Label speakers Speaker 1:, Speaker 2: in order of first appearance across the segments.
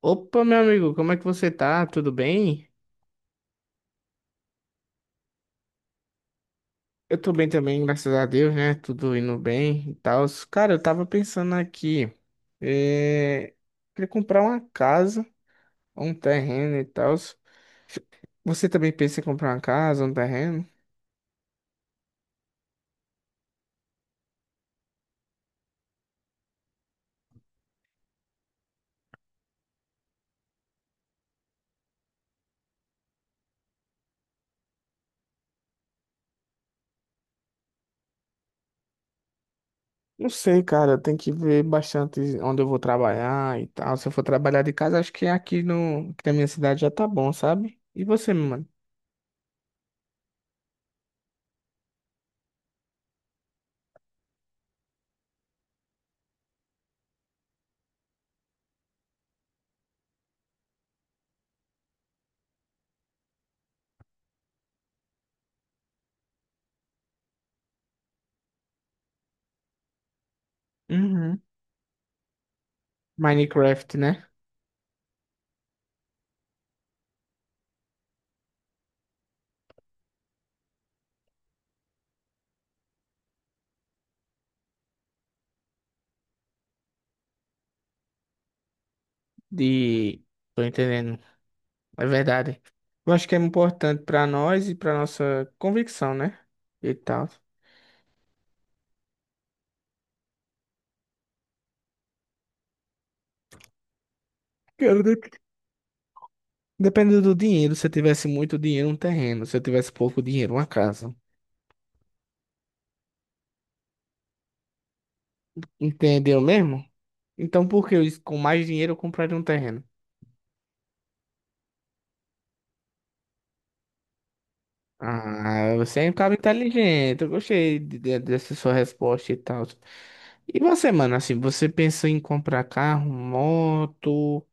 Speaker 1: Opa, meu amigo, como é que você tá? Tudo bem? Eu tô bem também, graças a Deus, né? Tudo indo bem e tal. Cara, eu tava pensando aqui, é... queria comprar uma casa, um terreno e tal. Você também pensa em comprar uma casa, um terreno? Não sei, cara, tem que ver bastante onde eu vou trabalhar e tal. Se eu for trabalhar de casa, acho que aqui no... aqui na minha cidade já tá bom, sabe? E você, mano? Uhum. Minecraft, né? De... Tô entendendo. É verdade. Eu acho que é importante para nós e para nossa convicção, né? E tal. Cara, depende do dinheiro. Se eu tivesse muito dinheiro, um terreno. Se eu tivesse pouco dinheiro, uma casa. Entendeu mesmo? Então, com mais dinheiro eu compraria um terreno? Ah, você é um cara inteligente. Eu gostei dessa sua resposta e tal. E você, mano, assim, você pensou em comprar carro, moto?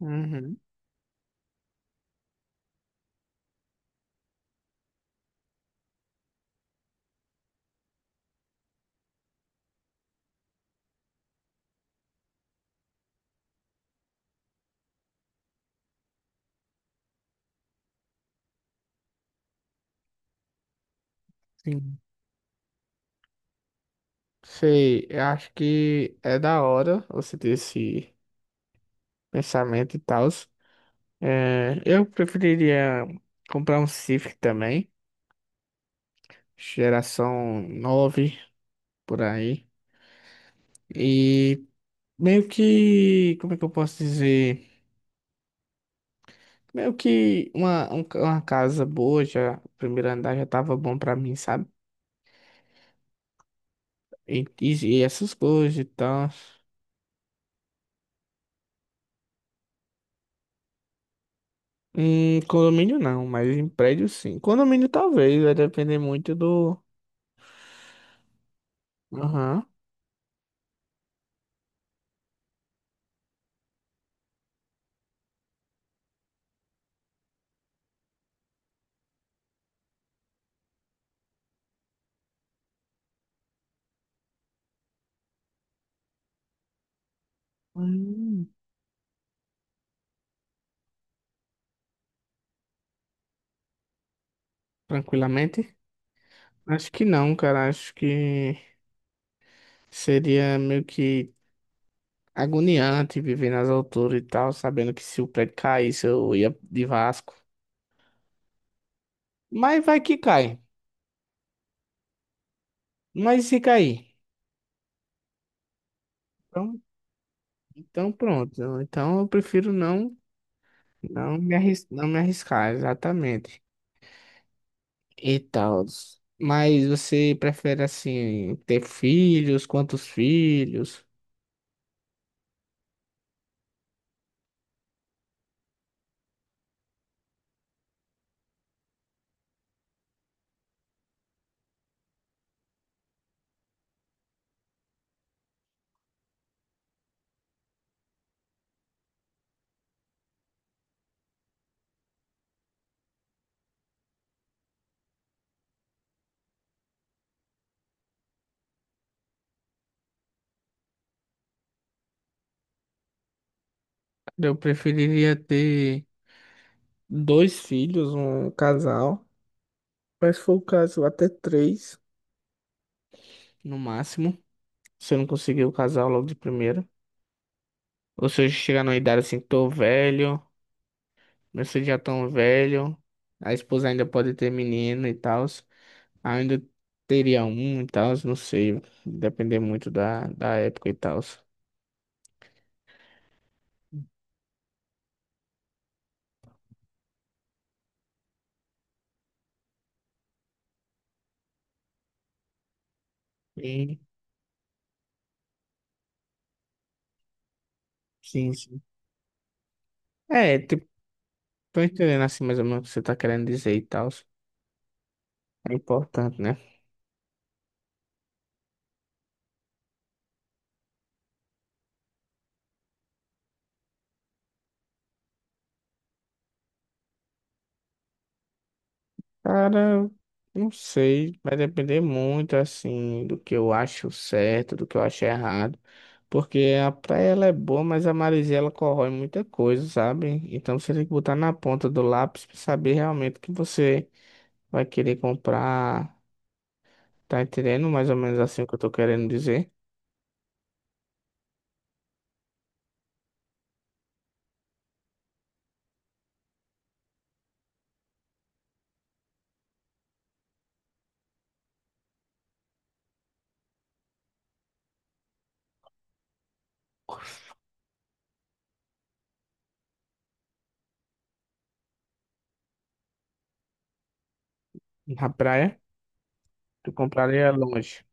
Speaker 1: Uhum. Sim. Sei, eu acho que é da hora você ter esse pensamento e tal. É, eu preferiria comprar um Civic também, geração 9 por aí. E meio que, como é que eu posso dizer? Meio que uma casa boa, já o primeiro andar já tava bom pra mim, sabe? E, e, e essas coisas e tal. Em condomínio não, mas em prédio sim. Condomínio talvez, vai depender muito do. Aham. Hum, Tranquilamente? Acho que não, cara. Acho que. Seria meio que agoniante viver nas alturas e tal, sabendo que se o prédio caísse eu ia de Vasco. Mas vai que cai. Mas e se cair? Então, então pronto. Então eu prefiro não, não me arriscar, exatamente. E tal. Mas você prefere assim ter filhos? Quantos filhos? Eu preferiria ter dois filhos, um casal. Mas se for o caso, até três no máximo. Você não conseguiu casar logo de primeira. Ou se hoje chegar numa idade assim, tô velho, meus filhos já tão velho, a esposa ainda pode ter menino e tal, ainda teria um e tal, não sei, depender muito da época e tal. Sim, sim, sim. É, tipo, tô entendendo assim mais ou menos o que você tá querendo dizer e tal. É importante, né? Cara, não sei, vai depender muito assim do que eu acho certo, do que eu acho errado, porque a praia ela é boa, mas a maresia ela corrói muita coisa, sabe? Então você tem que botar na ponta do lápis pra saber realmente o que você vai querer comprar, tá entendendo? Mais ou menos assim o que eu tô querendo dizer. Na praia, tu compraria longe.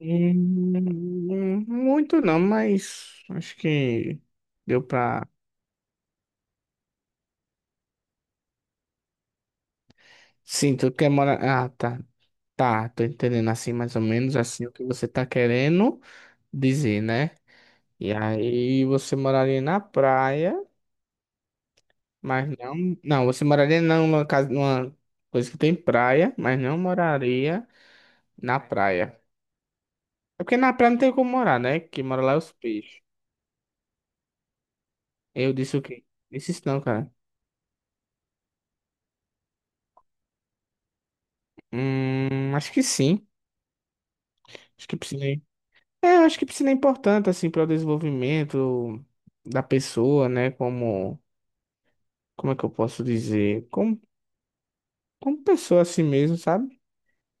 Speaker 1: Muito não, mas acho que deu pra. Sim, tu quer morar. Ah, tá. Tá, tô entendendo assim mais ou menos assim o que você tá querendo dizer, né? E aí você moraria na praia, mas não, você moraria não numa casa, numa coisa que tem praia, mas não moraria na praia. É porque na praia não tem como morar, né? Que mora lá é os peixes. Eu disse o quê? Disse isso não, cara. Acho que sim. Acho que piscina é importante assim para o desenvolvimento da pessoa, né? Como é que eu posso dizer? Como pessoa assim mesmo, sabe?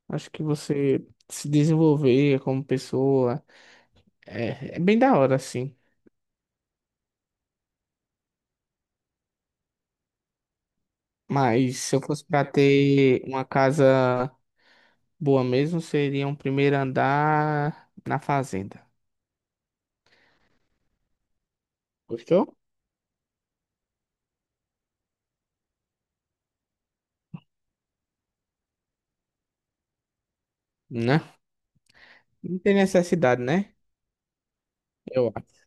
Speaker 1: Acho que você se desenvolver como pessoa é bem da hora, assim. Mas se eu fosse pra ter uma casa boa mesmo, seria um primeiro andar na fazenda. Gostou? Né? Não tem necessidade, né? Eu acho.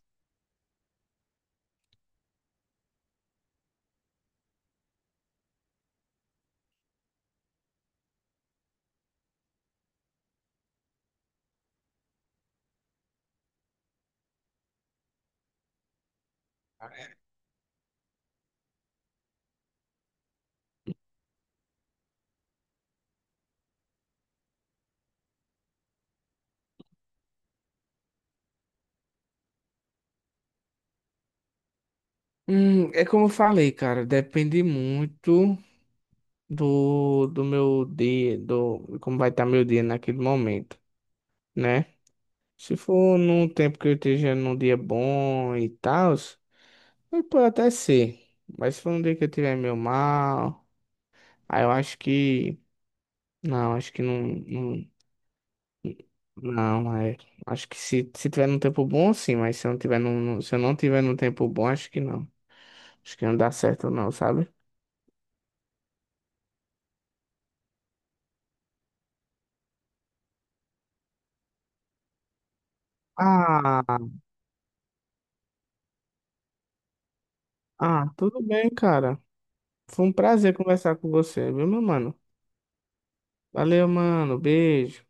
Speaker 1: É como eu falei, cara, depende muito do meu dia, do como vai estar meu dia naquele momento, né? Se for num tempo que eu esteja num dia bom e tal, mas pode até ser. Mas se for um dia que eu tiver meio mal, aí eu acho que. Não, acho que não. Não, não é. Acho que se tiver num tempo bom, sim, mas se eu não tiver se eu não tiver num tempo bom, acho que não. Acho que não dá certo, não, sabe? Ah, ah, tudo bem, cara. Foi um prazer conversar com você, viu, meu mano? Valeu, mano. Beijo.